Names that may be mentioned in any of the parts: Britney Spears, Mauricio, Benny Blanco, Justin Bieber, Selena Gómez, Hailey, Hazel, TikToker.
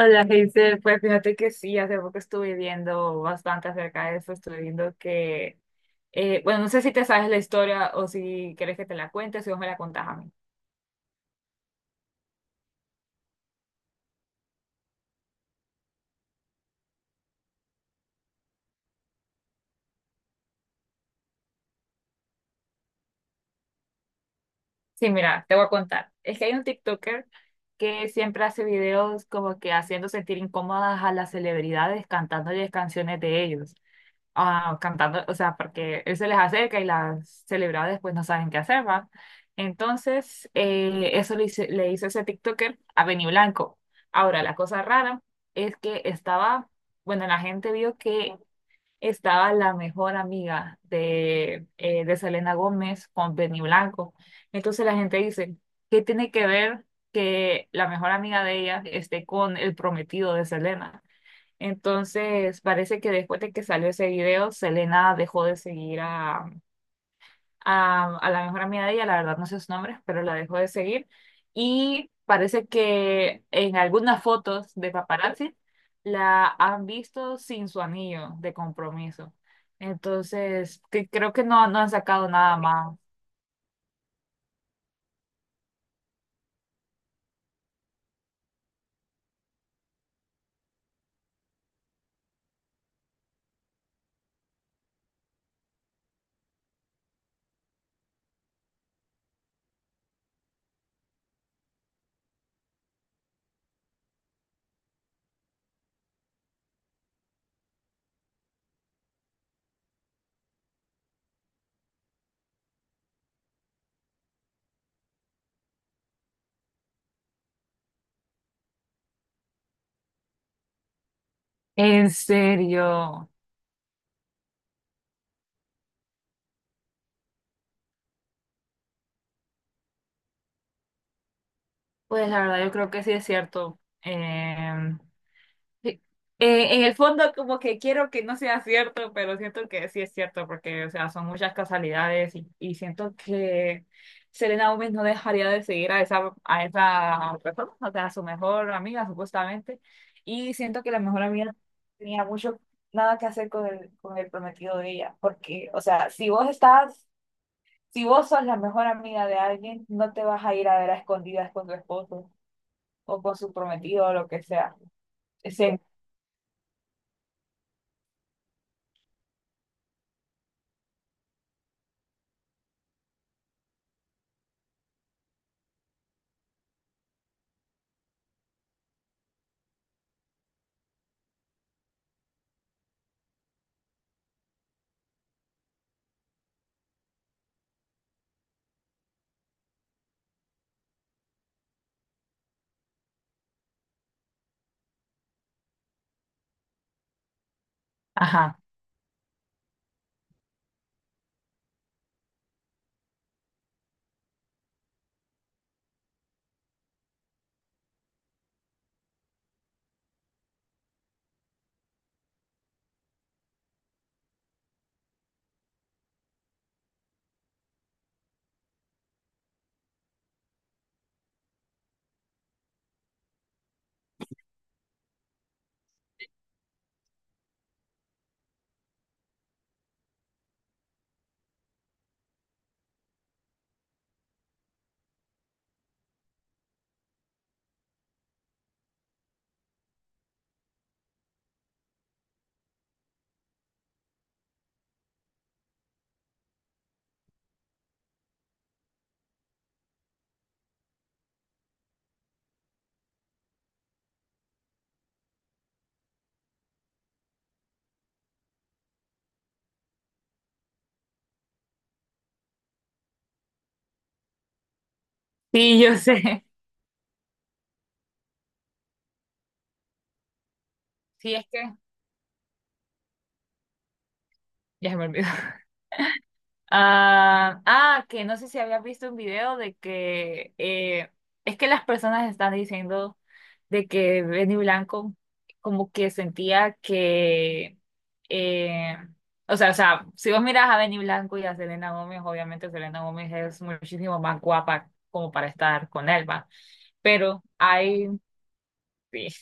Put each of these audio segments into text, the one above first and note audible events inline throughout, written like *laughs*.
Hola, Hazel. Pues fíjate que sí, hace poco estuve viendo bastante acerca de eso. Estuve viendo que, bueno, no sé si te sabes la historia o si quieres que te la cuente, si vos me la contás a mí. Sí, mira, te voy a contar. Es que hay un TikToker que siempre hace videos como que haciendo sentir incómodas a las celebridades cantándoles canciones de ellos. Ah, cantando, o sea, porque él se les acerca y las celebradas después no saben qué hacer, ¿va? Entonces, eso le hizo ese TikToker a Benny Blanco. Ahora, la cosa rara es que estaba, bueno, la gente vio que estaba la mejor amiga de, de Selena Gómez con Benny Blanco. Entonces la gente dice, ¿qué tiene que ver que la mejor amiga de ella esté con el prometido de Selena? Entonces, parece que después de que salió ese video, Selena dejó de seguir a la mejor amiga de ella, la verdad no sé sus nombres, pero la dejó de seguir. Y parece que en algunas fotos de paparazzi la han visto sin su anillo de compromiso. Entonces, que creo que no, no han sacado nada más. En serio. Pues la verdad yo creo que sí es cierto. Sí. En el fondo como que quiero que no sea cierto, pero siento que sí es cierto porque, o sea, son muchas casualidades y siento que Selena Gómez no dejaría de seguir a a esa persona, o sea, a su mejor amiga supuestamente, y siento que la mejor amiga no tenía mucho nada que hacer con con el prometido de ella, porque, o sea, si vos sos la mejor amiga de alguien, no te vas a ir a ver a escondidas con tu esposo o con su prometido o lo que sea. Sí. Ajá. Sí, yo sé. Sí, es que ya se me olvidó. *laughs* Ah, que no sé si habías visto un video de que, es que las personas están diciendo de que Benny Blanco como que sentía que eh, o sea, si vos miras a Benny Blanco y a Selena Gómez, obviamente Selena Gómez es muchísimo más guapa como para estar con él, ¿va? Pero hay, sí. *laughs*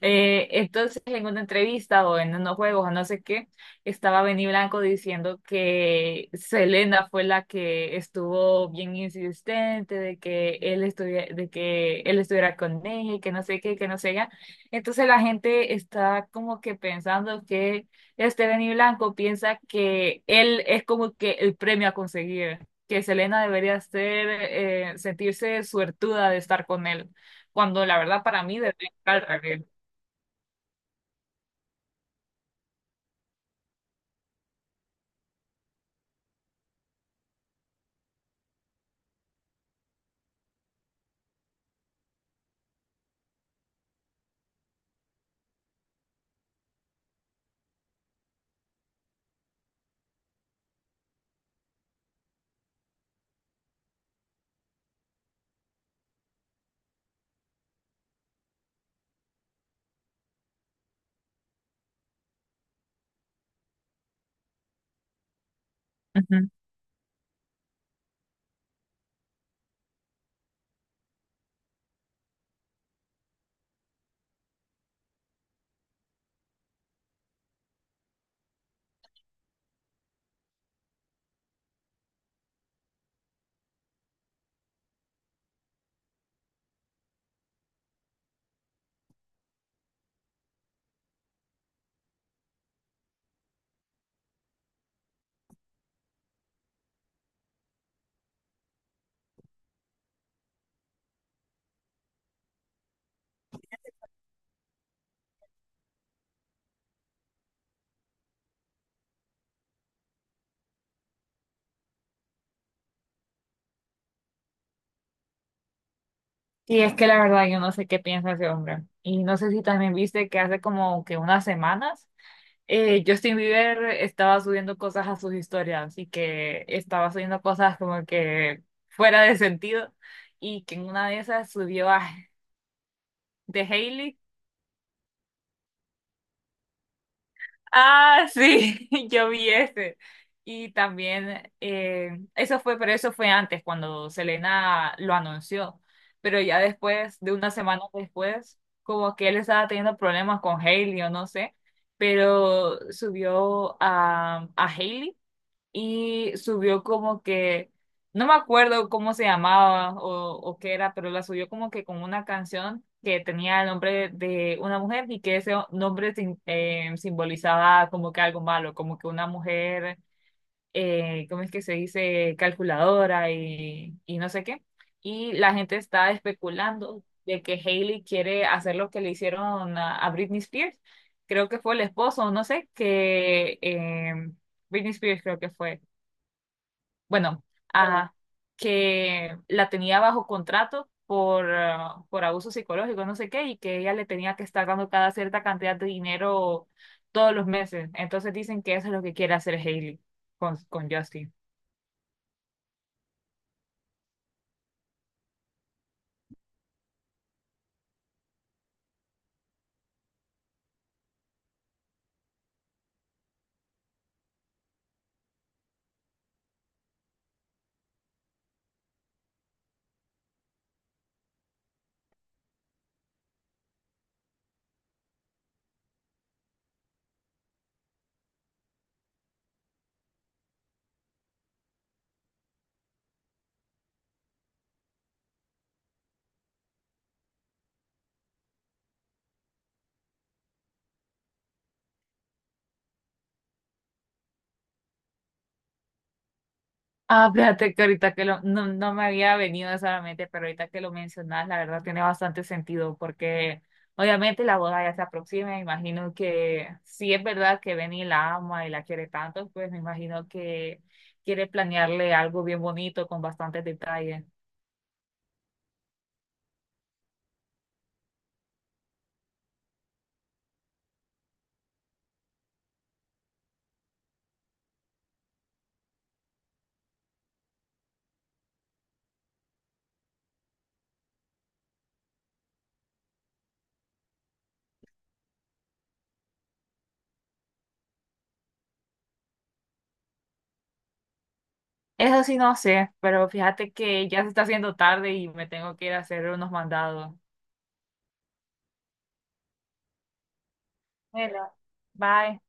Entonces, en una entrevista o en unos juegos o no sé qué, estaba Benny Blanco diciendo que Selena fue la que estuvo bien insistente de que él estuviera, de que él estuviera con ella y que no sé qué, que no sé ya. Entonces la gente está como que pensando que este Benny Blanco piensa que él es como que el premio a conseguir, que Selena debería ser, sentirse suertuda de estar con él cuando la verdad para mí debería estar al revés. Ujú. Sí, es que la verdad yo no sé qué piensa ese hombre. Y no sé si también viste que hace como que unas semanas Justin Bieber estaba subiendo cosas a sus historias y que estaba subiendo cosas como que fuera de sentido y que en una de esas subió a de Hailey. Ah, sí, *laughs* yo vi ese. Y también, eso fue, pero eso fue antes, cuando Selena lo anunció. Pero ya después, de una semana después, como que él estaba teniendo problemas con Hailey o no sé, pero subió a Hailey y subió como que, no me acuerdo cómo se llamaba o qué era, pero la subió como que con una canción que tenía el nombre de una mujer y que ese nombre simbolizaba como que algo malo, como que una mujer, ¿cómo es que se dice? Calculadora y no sé qué. Y la gente está especulando de que Hailey quiere hacer lo que le hicieron a Britney Spears. Creo que fue el esposo, no sé, que em, Britney Spears creo que fue bueno, a, que la tenía bajo contrato por, por abuso psicológico, no sé qué, y que ella le tenía que estar dando cada cierta cantidad de dinero todos los meses. Entonces dicen que eso es lo que quiere hacer Hailey con Justin. Ah, fíjate que ahorita que lo, no, no me había venido eso a la mente, pero ahorita que lo mencionas, la verdad tiene bastante sentido, porque obviamente la boda ya se aproxima, me imagino que si es verdad que Benny la ama y la quiere tanto, pues me imagino que quiere planearle algo bien bonito con bastantes detalles. Eso sí no sé, pero fíjate que ya se está haciendo tarde y me tengo que ir a hacer unos mandados. Bueno, bye.